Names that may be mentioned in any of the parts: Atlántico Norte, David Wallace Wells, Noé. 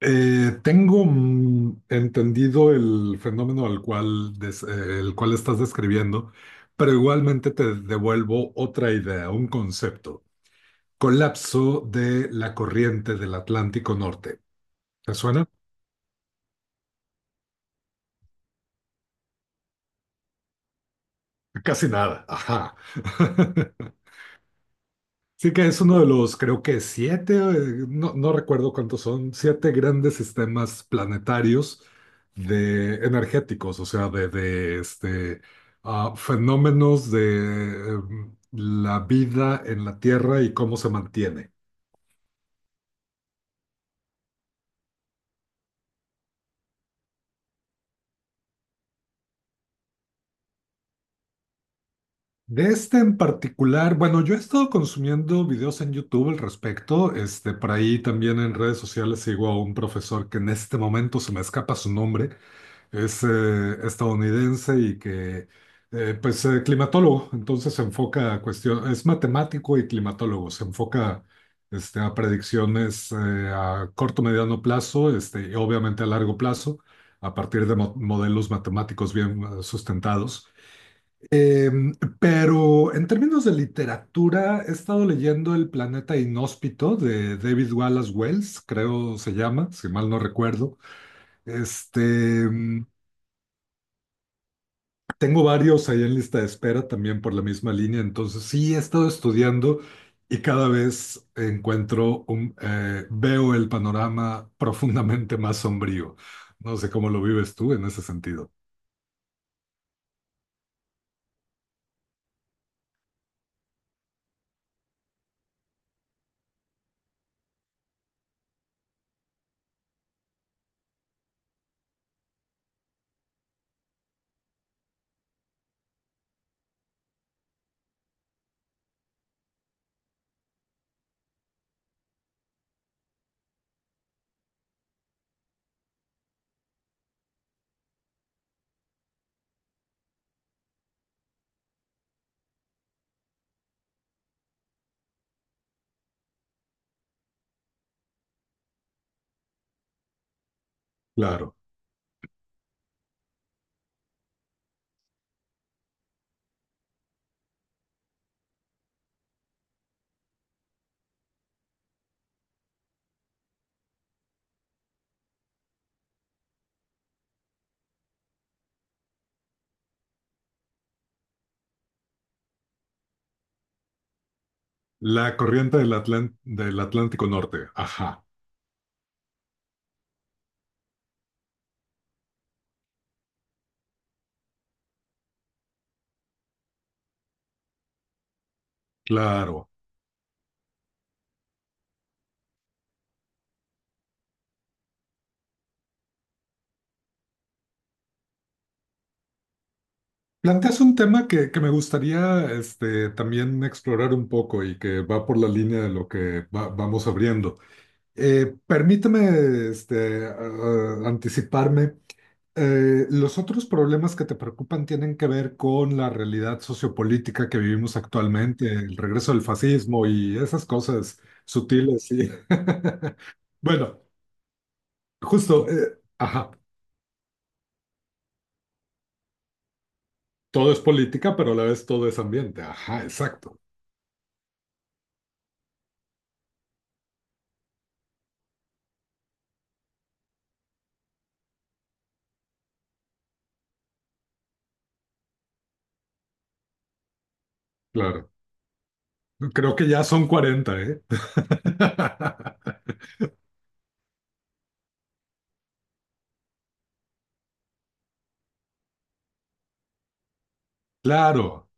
Tengo entendido el fenómeno al cual, el cual estás describiendo, pero igualmente te devuelvo otra idea, un concepto. Colapso de la corriente del Atlántico Norte. ¿Te suena? Casi nada. Ajá. Sí que es uno de los, creo que siete, no recuerdo cuántos son, siete grandes sistemas planetarios de energéticos, o sea, de este, fenómenos de la vida en la Tierra y cómo se mantiene. De este en particular, bueno, yo he estado consumiendo videos en YouTube al respecto, este, por ahí también en redes sociales sigo a un profesor que en este momento se me escapa su nombre, es estadounidense y que, climatólogo, entonces se enfoca a cuestión, es matemático y climatólogo, se enfoca este, a predicciones a corto, mediano plazo, este, y obviamente a largo plazo, a partir de modelos matemáticos bien sustentados. Em, pero en términos de literatura, he estado leyendo El planeta inhóspito de David Wallace Wells, creo se llama, si mal no recuerdo. Este, em, tengo varios ahí en lista de espera también por la misma línea, entonces sí he estado estudiando y cada vez encuentro, veo el panorama profundamente más sombrío. No sé cómo lo vives tú en ese sentido. Claro, la corriente del Atlántico Norte. Ajá, claro. Planteas un tema que me gustaría este, también explorar un poco y que va por la línea de lo que vamos abriendo. Permíteme este, anticiparme. Los otros problemas que te preocupan tienen que ver con la realidad sociopolítica que vivimos actualmente, el regreso del fascismo y esas cosas sutiles. Bueno, justo, ajá, todo es política, pero a la vez todo es ambiente. Ajá, exacto, claro. Creo que ya son 40, ¿eh? Claro.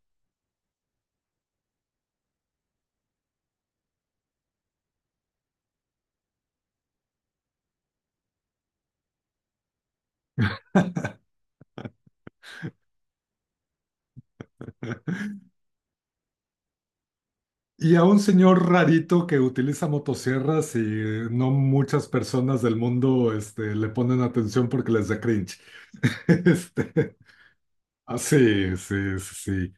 Y a un señor rarito que utiliza motosierras y no muchas personas del mundo este, le ponen atención porque les da cringe. Este, ah, sí, sí, sí. Sí.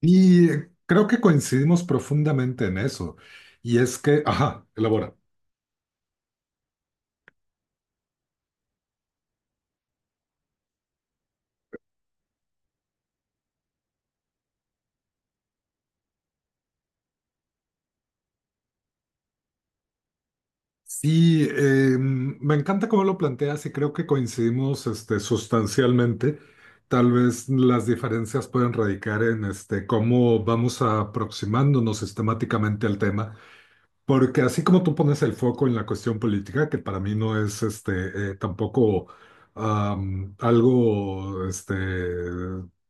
Y creo que coincidimos profundamente en eso. Y es que, ajá, elabora. Sí, me encanta cómo lo planteas y creo que coincidimos este, sustancialmente. Tal vez las diferencias pueden radicar en este, cómo vamos aproximándonos sistemáticamente al tema. Porque así como tú pones el foco en la cuestión política, que para mí no es este tampoco algo este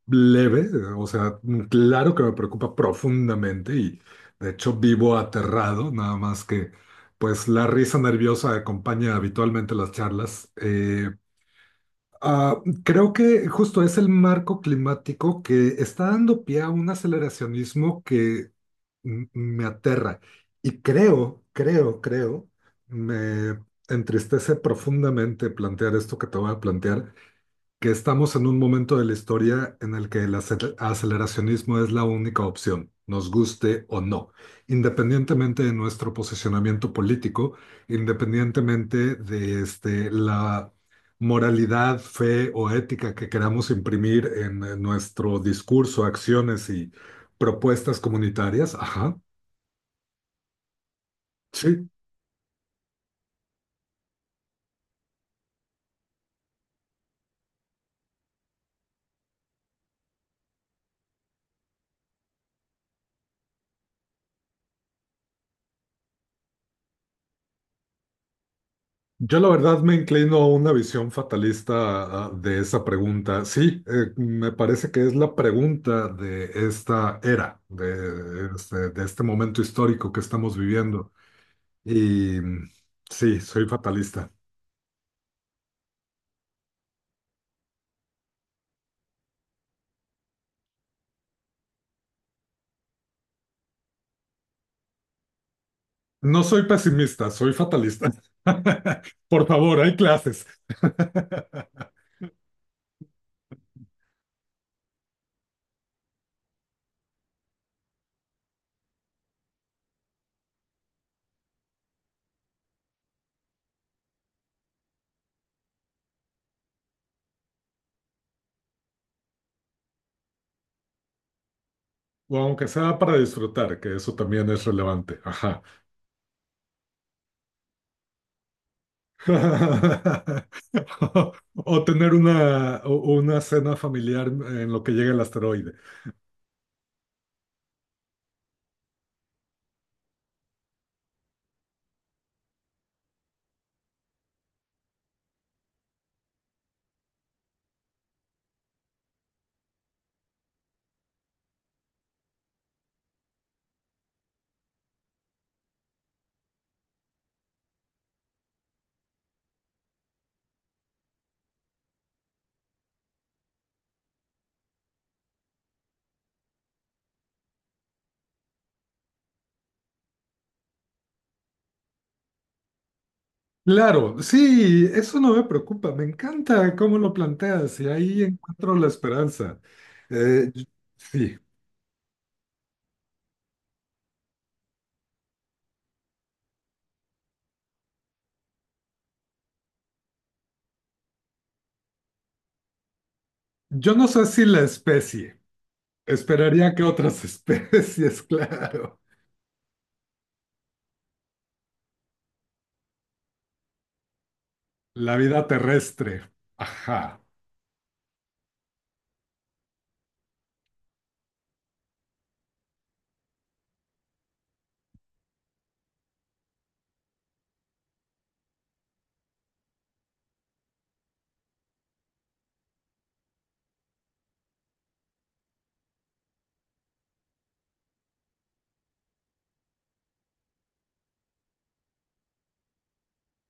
leve, o sea, claro que me preocupa profundamente y de hecho vivo aterrado, nada más que pues la risa nerviosa acompaña habitualmente las charlas. Creo que justo es el marco climático que está dando pie a un aceleracionismo que me aterra y creo, me entristece profundamente plantear esto que te voy a plantear, que estamos en un momento de la historia en el que el aceleracionismo es la única opción, nos guste o no, independientemente de nuestro posicionamiento político, independientemente de este, la moralidad, fe o ética que queramos imprimir en, nuestro discurso, acciones y propuestas comunitarias. Ajá, sí. Yo la verdad me inclino a una visión fatalista de esa pregunta. Sí, me parece que es la pregunta de esta era, de este momento histórico que estamos viviendo. Y mm, sí, soy fatalista. No soy pesimista, soy fatalista. Por favor, hay clases. O aunque sea para disfrutar, que eso también es relevante. Ajá. O tener una, una cena familiar en lo que llega el asteroide. Claro, sí, eso no me preocupa, me encanta cómo lo planteas y ahí encuentro la esperanza. Eh, y- sí, yo no sé si la especie, esperaría que otras especies, claro, la vida terrestre, ajá.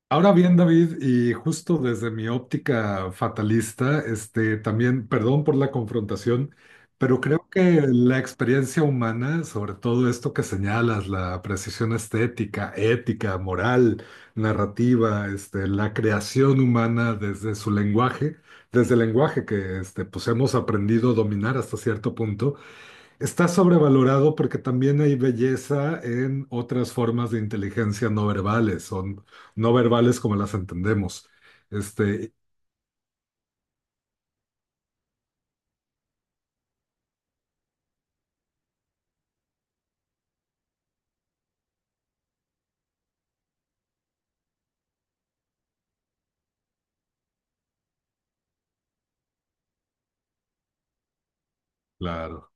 Ahora bien, David, y justo desde mi óptica fatalista, este, también, perdón por la confrontación, pero creo que la experiencia humana, sobre todo esto que señalas, la precisión estética, ética, moral, narrativa, este, la creación humana desde su lenguaje, desde el lenguaje que este, pues hemos aprendido a dominar hasta cierto punto, está sobrevalorado porque también hay belleza en otras formas de inteligencia no verbales, son no verbales como las entendemos. Este, claro.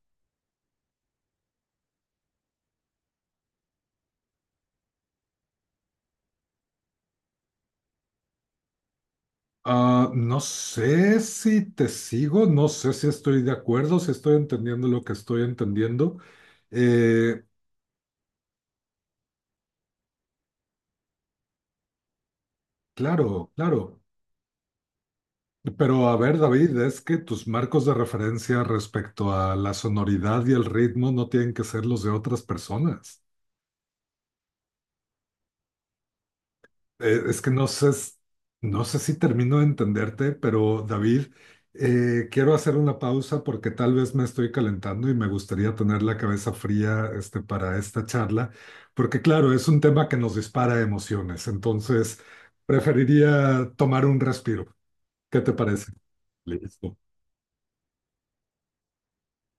Ah, no sé si te sigo, no sé si estoy de acuerdo, si estoy entendiendo lo que estoy entendiendo. Eh, claro, claro. Pero a ver, David, es que tus marcos de referencia respecto a la sonoridad y el ritmo no tienen que ser los de otras personas. Es que no sé, no sé si termino de entenderte, pero David, quiero hacer una pausa porque tal vez me estoy calentando y me gustaría tener la cabeza fría, este, para esta charla, porque claro, es un tema que nos dispara emociones, entonces preferiría tomar un respiro. ¿Qué te parece? Listo.